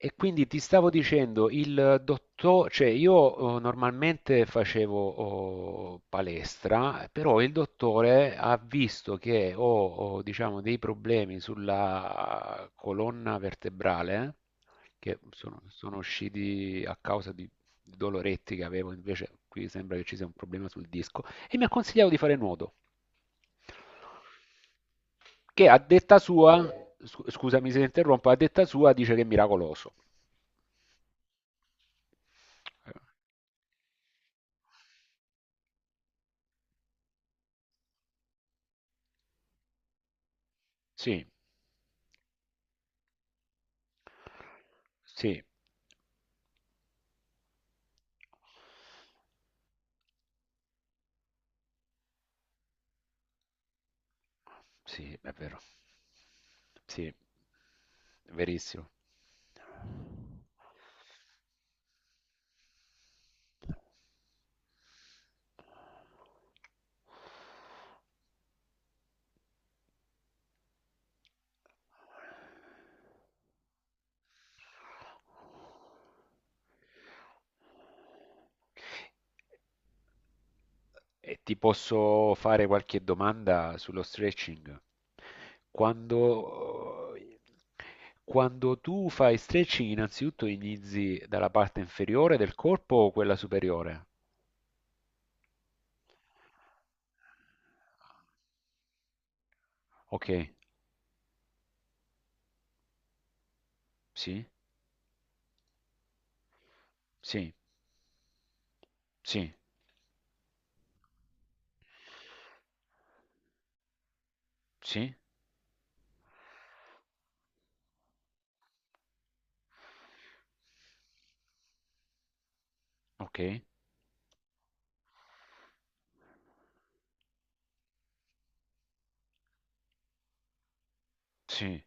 E quindi ti stavo dicendo, il dottore, cioè io normalmente facevo palestra, però il dottore ha visto che ho, diciamo, dei problemi sulla colonna vertebrale, che sono usciti a causa di doloretti che avevo, invece qui sembra che ci sia un problema sul disco, e mi ha consigliato di fare nuoto che a detta sua, scusami se interrompo, a detta sua dice che è miracoloso. Sì, sì, sì, è vero. Sì, è verissimo. E ti posso fare qualche domanda sullo stretching? Quando, quando tu fai stretching, innanzitutto inizi dalla parte inferiore del corpo o quella superiore? Ok, sì, sì, sì, sì, ok, sì,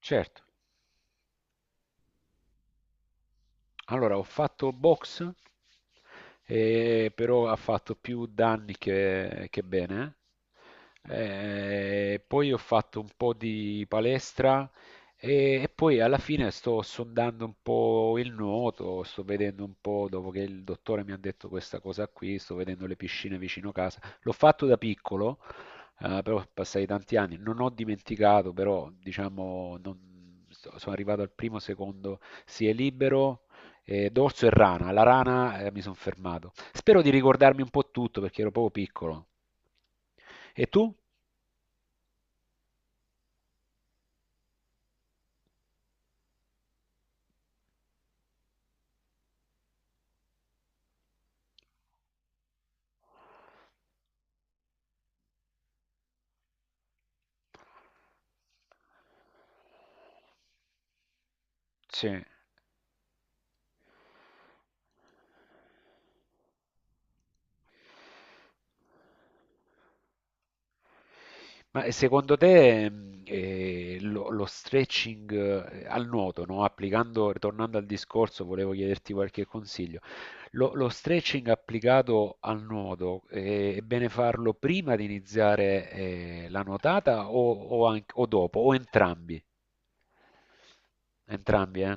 certo. Allora, ho fatto boxe, però ha fatto più danni che bene. Poi ho fatto un po' di palestra e poi alla fine sto sondando un po' il nuoto, sto vedendo un po', dopo che il dottore mi ha detto questa cosa qui, sto vedendo le piscine vicino casa. L'ho fatto da piccolo, però passai tanti anni, non ho dimenticato, però diciamo, sono arrivato al primo, secondo, si è libero e dorso e rana. La rana, mi sono fermato. Spero di ricordarmi un po' tutto perché ero proprio piccolo. E tu? Sì. Ma secondo te lo stretching al nuoto, no? Applicando, tornando al discorso, volevo chiederti qualche consiglio. Lo stretching applicato al nodo, è bene farlo prima di iniziare, la nuotata o o dopo, o entrambi? Entrambi, eh?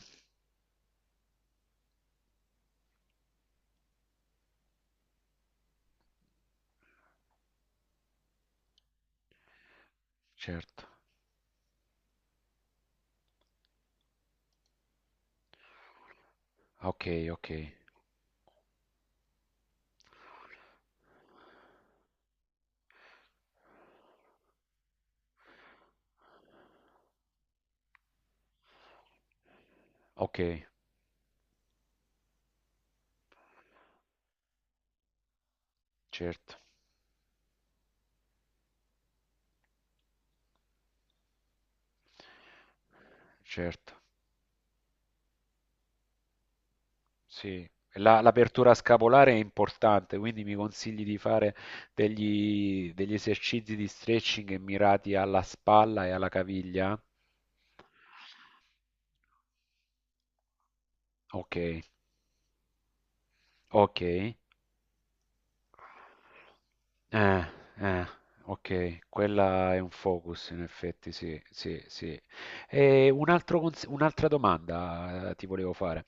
Certo. Ok, ok, ok, certo, certo. Sì, l'apertura scapolare è importante, quindi mi consigli di fare degli esercizi di stretching mirati alla spalla e alla caviglia? Ok, ok. Eh, ok, quella è un focus in effetti, sì. E un altro un'altra domanda ti volevo fare.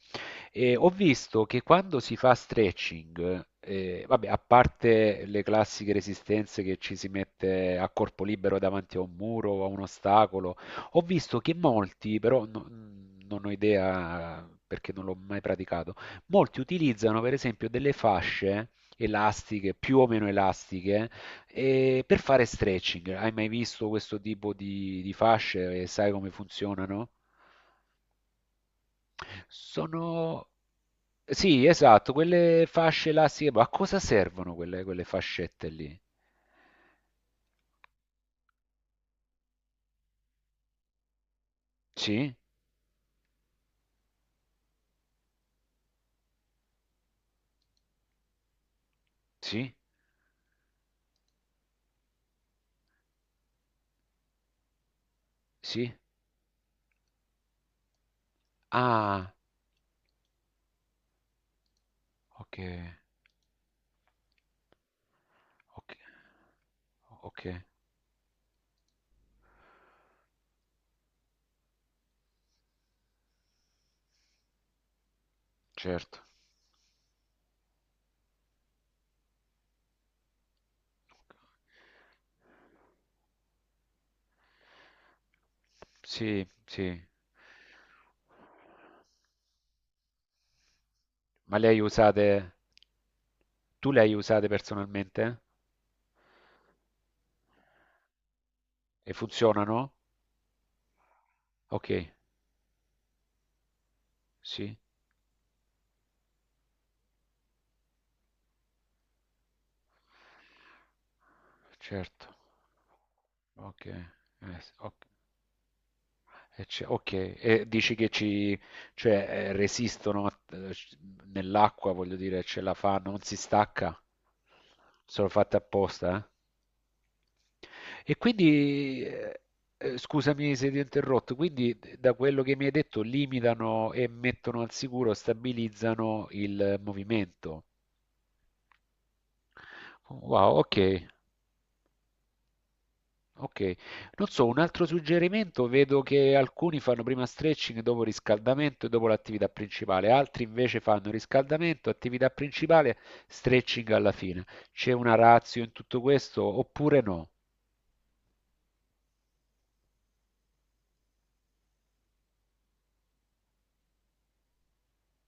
E ho visto che quando si fa stretching, vabbè, a parte le classiche resistenze che ci si mette a corpo libero davanti a un muro o a un ostacolo, ho visto che molti, però non ho idea perché non l'ho mai praticato, molti utilizzano per esempio delle fasce elastiche, più o meno elastiche, per fare stretching. Hai mai visto questo tipo di fasce e sai come funzionano? Sono Sì, esatto, quelle fasce là, sì, ma a cosa servono quelle fascette lì? Sì, sì, sì. Ah, ok, ok, ok, certo. Sì, sì. Ma le hai usate, tu le hai usate personalmente? E funzionano? Ok, sì, certo. Ok, ok. Ok, e dici che ci, cioè, resistono nell'acqua, voglio dire, ce la fa, non si stacca, sono fatte apposta, eh? E quindi, scusami se ti ho interrotto, quindi da quello che mi hai detto limitano e mettono al sicuro, stabilizzano il movimento. Wow, ok. Ok, non so, un altro suggerimento, vedo che alcuni fanno prima stretching dopo riscaldamento e dopo l'attività principale, altri invece fanno riscaldamento, attività principale, stretching alla fine. C'è una ratio in tutto questo oppure no?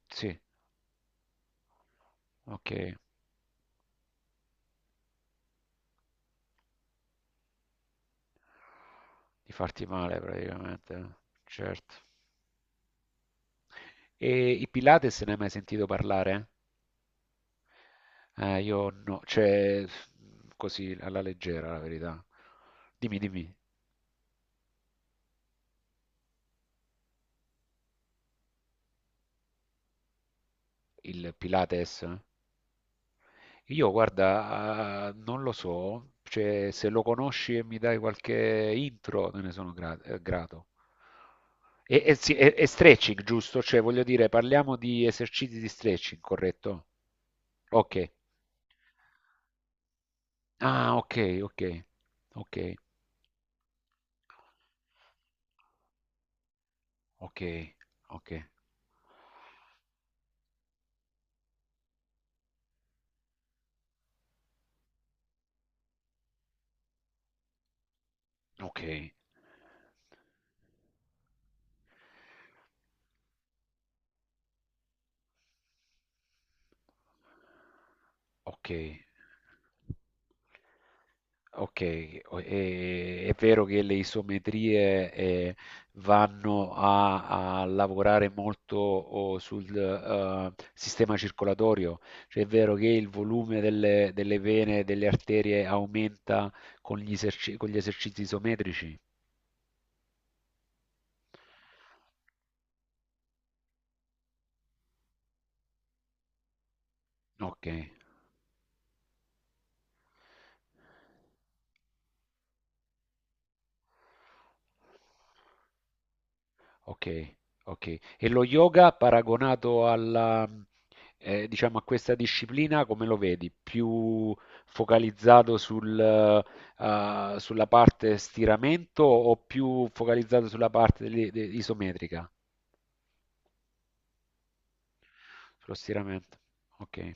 Sì, ok, di farti male praticamente, eh. Certo. E i Pilates ne hai mai sentito parlare? Io no, cioè così alla leggera la verità. Dimmi, dimmi, il Pilates? Eh? Io, guarda, non lo so, cioè, se lo conosci e mi dai qualche intro, te ne sono grato. E sì, e stretching, giusto? Cioè, voglio dire, parliamo di esercizi di stretching, corretto? Ok. Ah, ok, ok, ok, ok, ok. Ok, è vero che le isometrie vanno a lavorare molto sul sistema circolatorio, cioè è vero che il volume delle vene e delle arterie aumenta con gli con gli esercizi isometrici? Ok. Okay, okay. E lo yoga paragonato alla diciamo a questa disciplina come lo vedi? Più focalizzato sul sulla parte stiramento o più focalizzato sulla parte dell'i de isometrica? Sullo stiramento. Okay.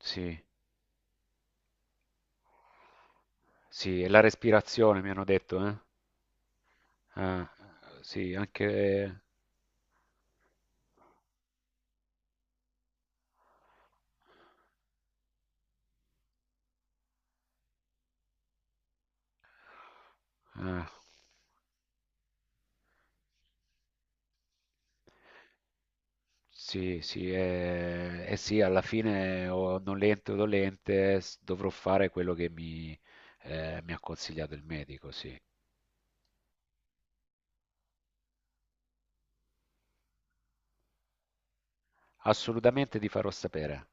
Sì, sì, e la respirazione mi hanno detto, eh. Eh, sì, anche eh. Sì, sì, eh sì, alla fine o nolente o dolente dovrò fare quello che mi ha consigliato il medico, sì. Assolutamente ti farò sapere.